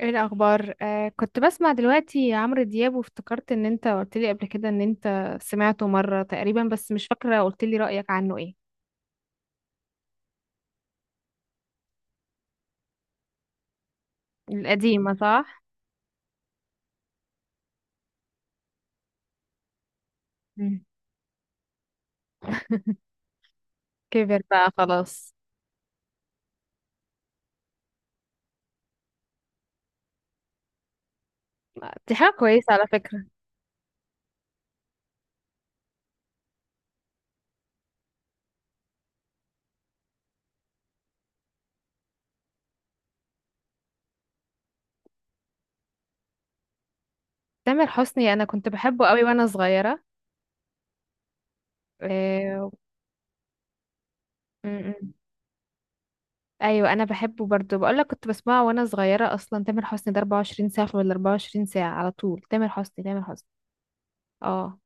ايه الاخبار، كنت بسمع دلوقتي عمرو دياب، وافتكرت ان انت قلت لي قبل كده ان انت سمعته مره تقريبا، بس مش فاكره، قلت لي رايك عنه ايه؟ القديمه، صح؟ مم. كبر بقى، خلاص. دي حاجه كويسه على فكره. تامر حسني، انا كنت بحبه قوي وانا صغيره. آه. م- م. ايوه، انا بحبه برضو، بقول لك كنت بسمعه وانا صغيره. اصلا تامر حسني ده 24 ساعه، ولا 24 ساعه، على طول تامر حسني تامر حسني. اه.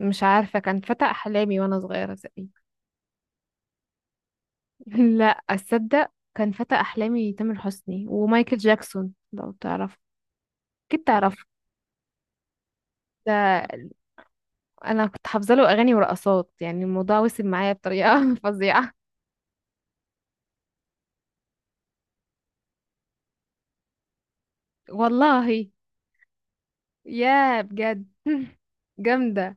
مش عارفه، كان فتى احلامي وانا صغيره. لا اصدق، كان فتى احلامي تامر حسني ومايكل جاكسون، لو تعرف. اكيد تعرف. ده انا كنت حافظه له اغاني ورقصات، يعني الموضوع وصل معايا بطريقه فظيعه. والله؟ يا بجد! جامده.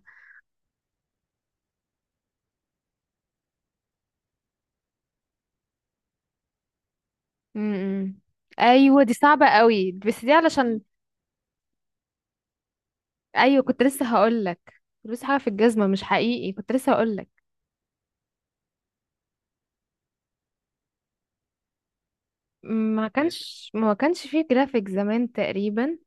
م-م. ايوه، دي صعبه قوي، بس دي علشان. ايوه، كنت لسه هقول لك، فلوس حاجه في الجزمه مش حقيقي، كنت لسه هقول لك. ما كانش فيه جرافيك زمان تقريبا.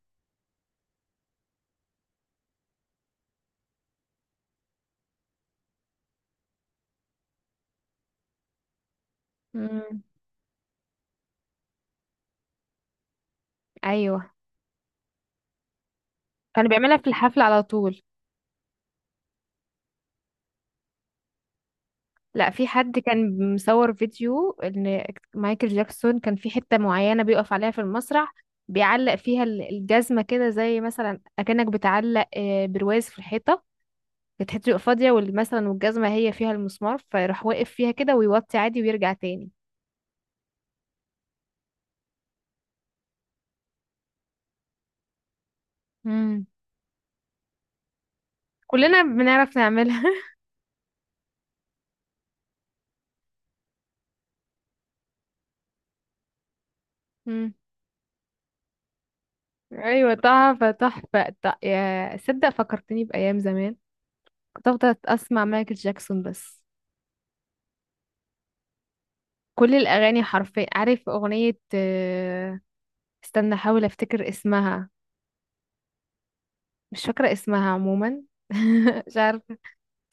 م. ايوه، كانوا بيعملها في الحفله على طول. لا، في حد كان مصور فيديو ان مايكل جاكسون كان في حتة معينة بيقف عليها في المسرح. بيعلق فيها الجزمة كده، زي مثلا اكنك بتعلق برواز في الحيطة. كانت حتة تبقى فاضية، مثلا والجزمة هي فيها المسمار، فيروح واقف فيها كده ويوطي عادي ويرجع تاني. امم. كلنا بنعرف نعملها. امم. ايوه، تحفة تحفة، يا صدق فكرتني بأيام زمان. كنت افضل اسمع مايكل جاكسون بس. كل الاغاني حرفيا، عارف اغنية استنى احاول افتكر اسمها. مش فاكرة اسمها عموما. مش عارفة.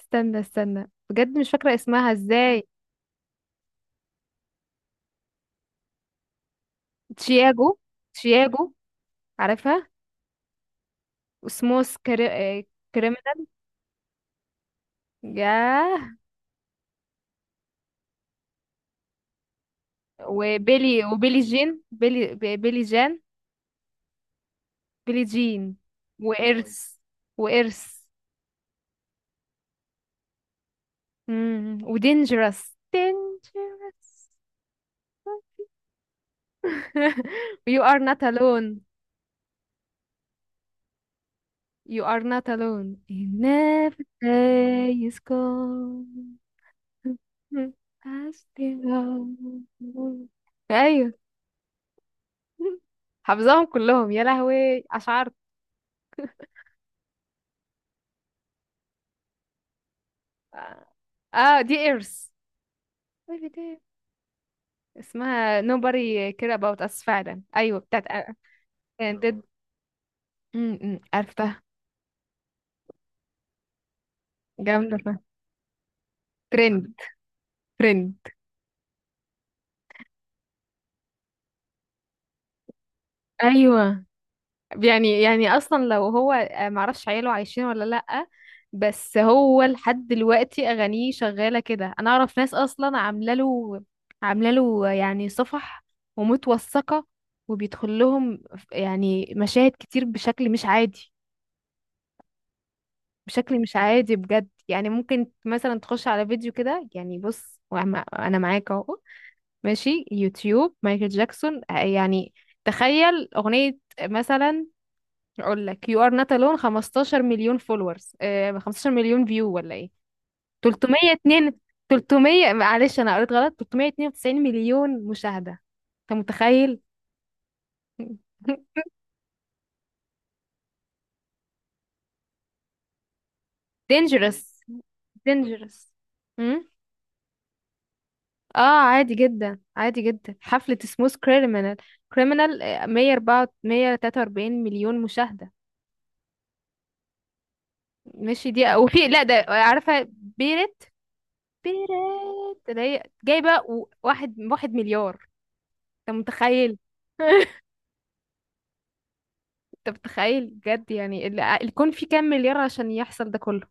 استنى استنى بجد، مش فاكرة اسمها ازاي. تشياجو. تشياجو. عارفها. وسموس كريمنال. ياه. وبيلي جين، بيلي جان. بيلي جين. وإرث وإرث. ودينجرس دينجرس. you are not alone. You are not alone. Never day is gone. I still love you. ايوه. حافظاهم كلهم يا لهوي! اشعرت. اه، دي ايرث. اسمها nobody care about us فعلا، ايوه، بتاعت. and did- م- م، عرفتها. جامده فعلا. ترند. ترند. ايوه. يعني اصلا لو هو معرفش عياله عايشين ولا لأ. بس هو لحد دلوقتي اغانيه شغاله كده، انا اعرف ناس اصلا عامله له. عامله له يعني صفح. ومتوثقه. وبيدخل لهم. يعني مشاهد كتير بشكل مش عادي. بشكل مش عادي بجد، يعني ممكن مثلا تخش على فيديو كده، يعني بص، انا معاك اهو. ماشي يوتيوب مايكل جاكسون، يعني. تخيل اغنيه مثلا. اقول لك يو ار نوت الون 15 مليون فولورز، 15 مليون فيو، ولا ايه؟ 302. 300، معلش انا قريت غلط، 392 مليون مشاهدة. انت متخيل؟ دينجرس. دينجرس. امم. اه. عادي جدا عادي جدا، حفلة سموث كريمنال. 104، 143 مليون مشاهدة. ماشي، دي او في، لا ده عارفة بيرت. بيرت اللي هي جايبة واحد مليار. انت متخيل؟ انت متخيل بجد؟ يعني الكون فيه كام مليار عشان يحصل ده كله.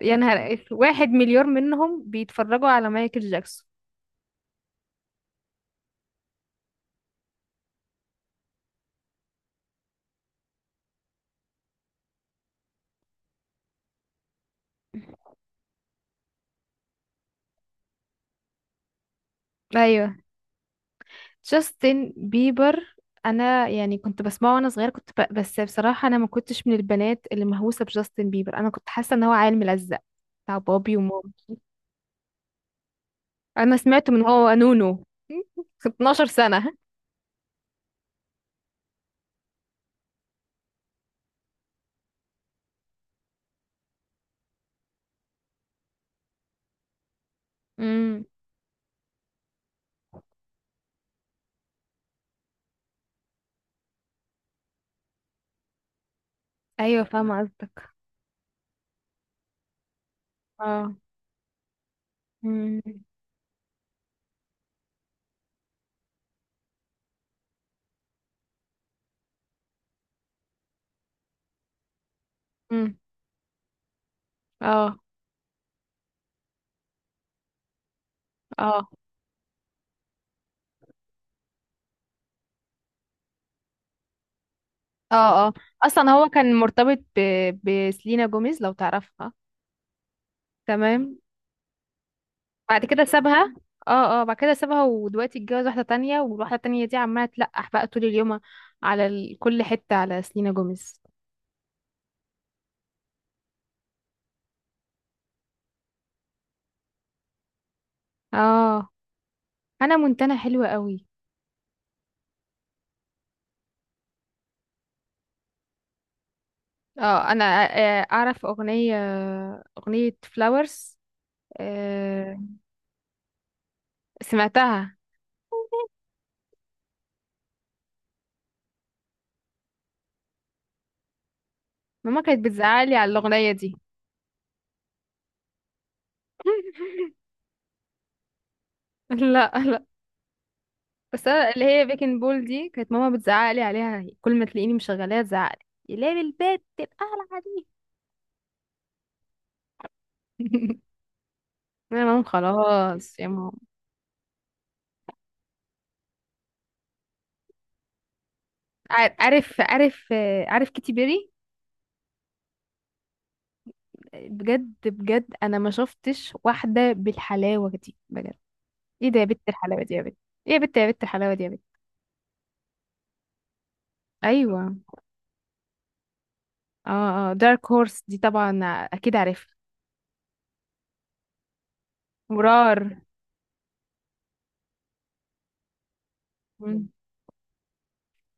يعني واحد مليار منهم بيتفرجوا على مايكل جاكسون. ايوه. جاستن بيبر. انا يعني كنت بسمعه وانا صغيره، كنت بس بصراحه انا ما كنتش من البنات اللي مهووسه بجاستن بيبر، انا كنت حاسه ان هو عيل ملزق. بتاع بابي ومامي. انا سمعته من هو نونو. 12 سنه. امم. ايوه، فاهمه قصدك. اه. امم. امم. اه. اه. اه. اه. اصلا هو كان مرتبط بسلينا جوميز، لو تعرفها. تمام. بعد كده سابها. اه، اه، بعد كده سابها، ودلوقتي اتجوز واحدة تانية، والواحدة التانية دي عمالة تلقح بقى طول اليوم. على كل حتة على سلينا جوميز. اه. انا منتنة حلوة قوي. اه. انا اعرف اغنية. اغنية فلاورز. سمعتها. ماما كانت بتزعلي على الاغنية دي. لا، لا. بس انا اللي هي بيكن بول دي، كانت ماما بتزعق لي عليها، كل ما تلاقيني مشغلاها تزعق لي ليه البيت تبقى على دي. انا ماما، خلاص يا ماما. عارف كيتي بيري؟ بجد بجد، انا ما شفتش واحده بالحلاوه دي بجد. ايه ده يا بت، الحلاوه دي يا بت! ايه يا بت، يا بت الحلاوه دي يا بت! ايوه. اه، اه، دارك هورس دي طبعا. اكيد عارفها. مرار. مم.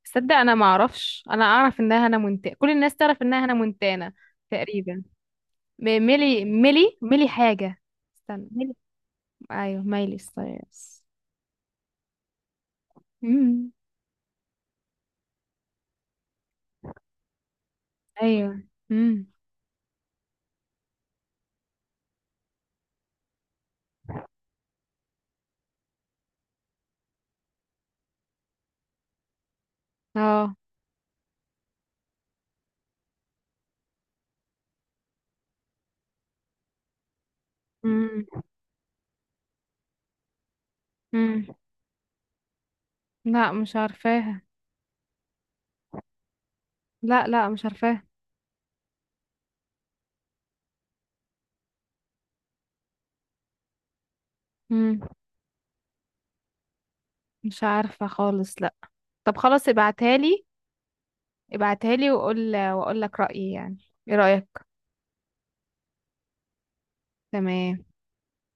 تصدق؟ انا ما اعرفش. انا اعرف انها هنا منتانه، كل الناس تعرف انها هنا منتانه. تقريبا. ميلي حاجة. استنى، ميلي. ايوه، ميلي ستايلز. امم. ايوه. امم. اه. امم. امم. لا، مش عارفاها. لا، لا، مش عارفاها. امم. مش عارفة خالص، لا. طب خلاص، ابعتها لي. ابعتها لي واقول لك رأيي يعني. ايه رأيك؟ تمام.